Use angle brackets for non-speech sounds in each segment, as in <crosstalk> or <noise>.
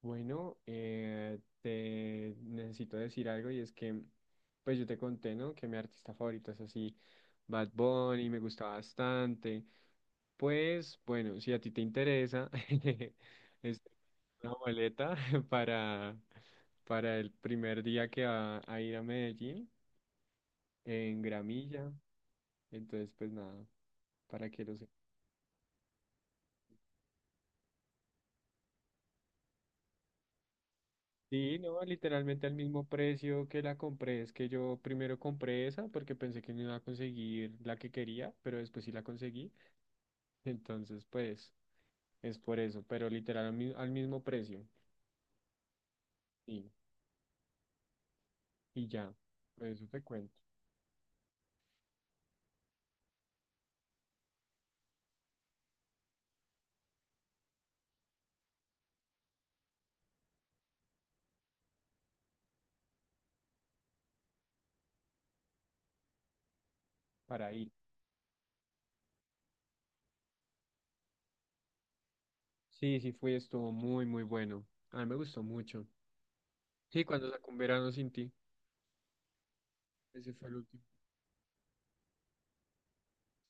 Bueno, te necesito decir algo y es que, pues yo te conté, ¿no? Que mi artista favorito es así, Bad Bunny, me gusta bastante. Pues bueno, si a ti te interesa, <laughs> estoy una boleta <laughs> para, para el primer día que va a ir a Medellín en Gramilla. Entonces, pues nada, para que lo sí, no, literalmente al mismo precio que la compré. Es que yo primero compré esa porque pensé que no iba a conseguir la que quería, pero después sí la conseguí. <laughs> Entonces, pues, es por eso, pero literal al, al mismo precio. Sí, y ya, pues, eso te cuento, para ir. Sí, sí fui, estuvo muy bueno. A mí me gustó mucho. Sí, cuando sacó un verano sin ti, ese fue el último.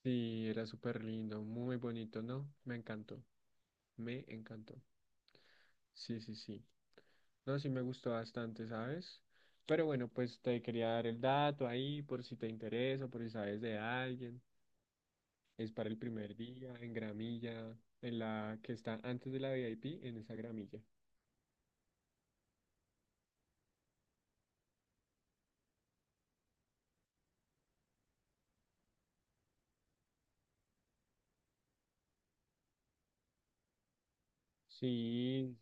Sí, era súper lindo, muy bonito, ¿no? Me encantó, me encantó. Sí. No, sí me gustó bastante, ¿sabes? Pero bueno, pues te quería dar el dato ahí por si te interesa, por si sabes de alguien. Es para el primer día en gramilla, en la que está antes de la VIP, en esa gramilla. Sí,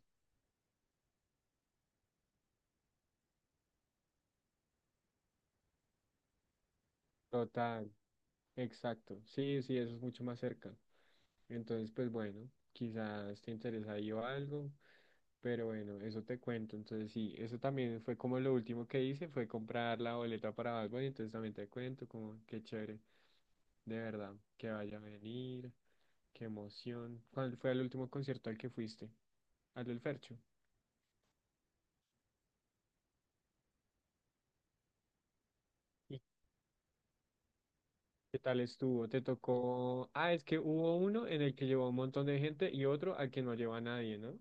total, exacto. Sí, eso es mucho más cerca. Entonces, pues bueno, quizás te interesa ahí o algo, pero bueno, eso te cuento. Entonces, sí, eso también fue como lo último que hice, fue comprar la boleta para Bad Bunny, entonces también te cuento como qué chévere, de verdad, que vaya a venir, qué emoción. ¿Cuál fue el último concierto al que fuiste? Al del Fercho. ¿Y qué tal estuvo? ¿Te tocó? Ah, es que hubo uno en el que llevó un montón de gente y otro al que no lleva a nadie, ¿no?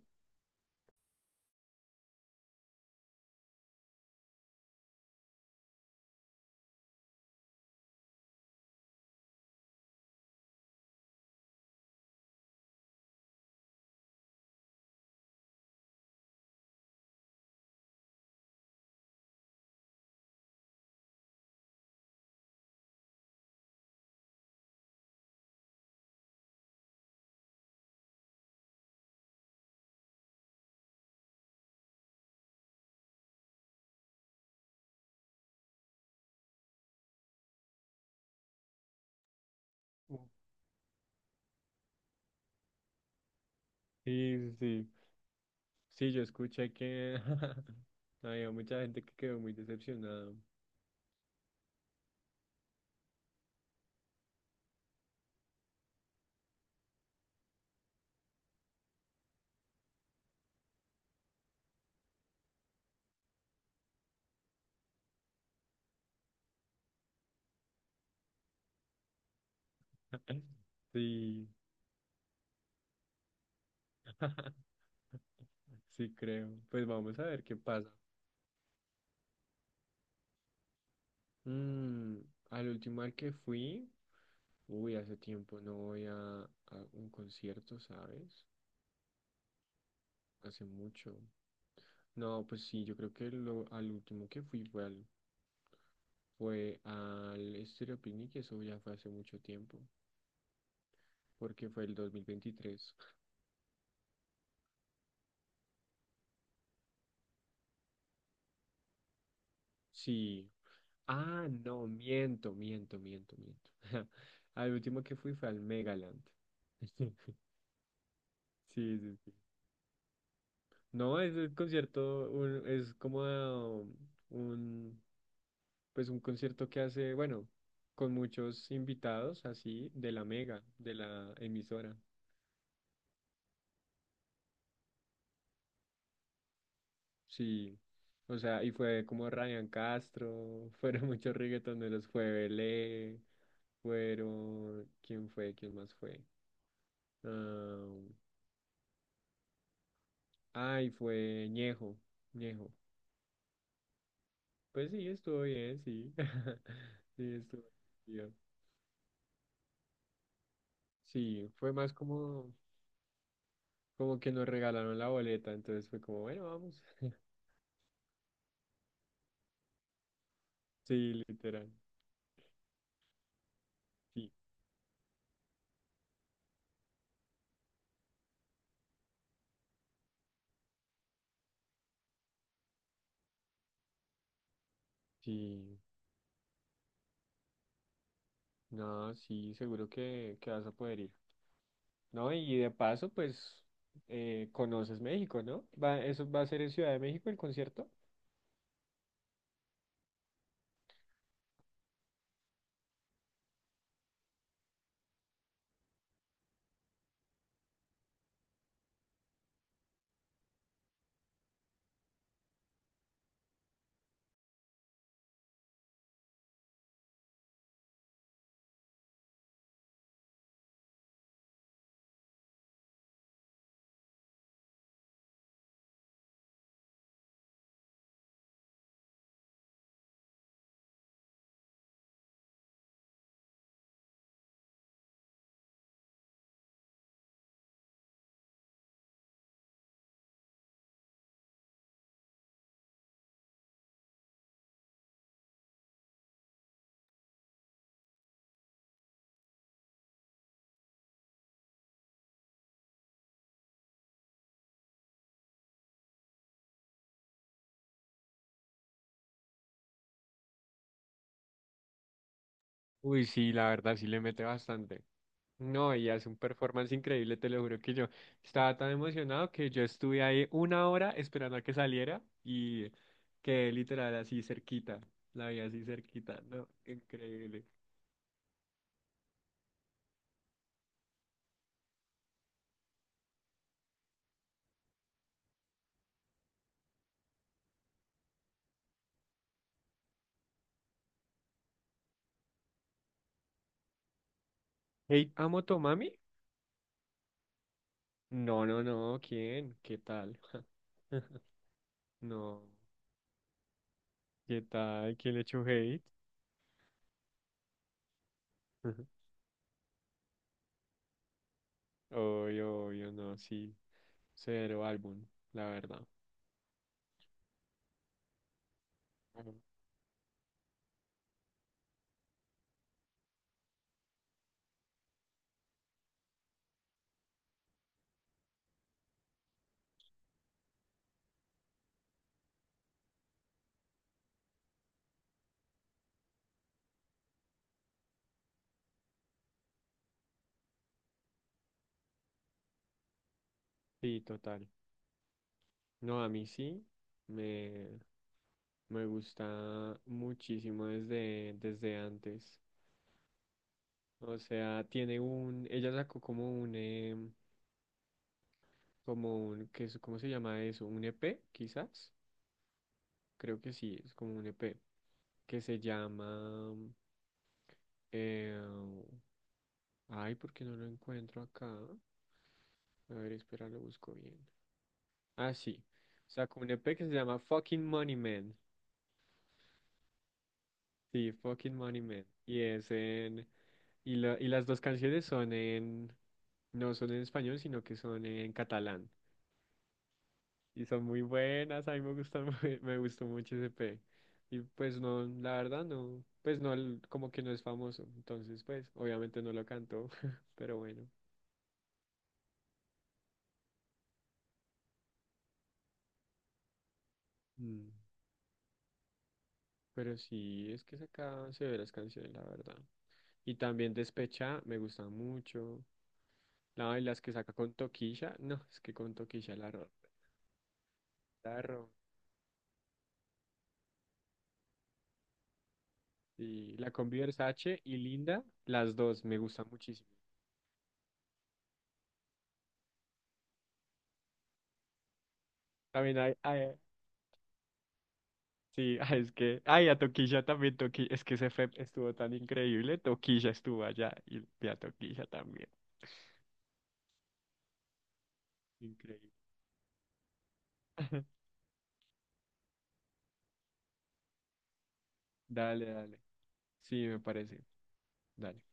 Uh. Sí, sí, sí. Sí, yo escuché que <laughs> había mucha gente que quedó muy decepcionada. <laughs> Sí, <laughs> sí creo. Pues vamos a ver qué pasa. Mm, al último al que fui, uy, hace tiempo no voy a un concierto, ¿sabes? Hace mucho. No, pues sí, yo creo que lo, al último que fui fue al Estéreo Picnic, y eso ya fue hace mucho tiempo, porque fue el 2023. Sí. Ah, no, miento. <laughs> Al último que fui fue al Megaland. <laughs> Sí. No, es un concierto, es como ah, un, pues un concierto que hace, bueno, con muchos invitados así de la Mega, de la emisora. Sí. O sea, y fue como Ryan Castro, <laughs> fueron muchos reggaetoneros, fue Belé, fueron, ¿quién fue? ¿Quién más fue? Ah, ay, fue Ñejo, Ñejo. Pues sí, estuvo bien, sí. <laughs> Sí, estuvo bien. Sí, fue más como, como que nos regalaron la boleta, entonces fue como, bueno, vamos. <laughs> Sí, literal. Sí, sí. No, sí, seguro que vas a poder ir. No, y de paso, pues, conoces México, ¿no? Va, eso va a ser en Ciudad de México el concierto. Uy, sí, la verdad sí le mete bastante. No, y hace un performance increíble, te lo juro que yo estaba tan emocionado que yo estuve ahí una hora esperando a que saliera y quedé literal así cerquita, la vi así cerquita, no, increíble. Hey, ¿amo Tomami? No, no, no, ¿quién? ¿Qué tal? <laughs> No, ¿qué tal? ¿Quién le echó hate? <laughs> Obvio, obvio, no, sí, cero álbum, la verdad. Ujú. Sí, total. No, a mí sí, me... Me gusta muchísimo desde, desde antes. O sea, tiene un, ella sacó como un, como un, ¿cómo se llama eso? Un EP, quizás. Creo que sí, es como un EP. Que se llama, eh, ay, ¿por qué no lo encuentro acá? A ver, espera, lo busco bien. Ah, sí. Sacó un EP que se llama Fucking Money Man. Sí, Fucking Money Man. Y es en... Y, y las dos canciones son en... No son en español, sino que son en catalán. Y son muy buenas, a mí me gustan, <laughs> me gustó mucho ese P. Y pues no, la verdad no, pues no, como que no es famoso. Entonces, pues, obviamente no lo cantó, <laughs> pero bueno. Mm. Pero sí, es que sacaban severas canciones, la verdad. Y también Despecha, me gusta mucho. La, y las que saca con Toquilla, no, es que con Toquilla la, la rompe. Y la combi Versace y Linda, las dos me gustan muchísimo. También sí, <laughs> es que, ay, a Toquilla también, Toquilla, es que ese FEP estuvo tan increíble, Toquilla estuvo allá y a Toquilla también. Increíble. <laughs> Dale, dale. Sí, me parece. Dale.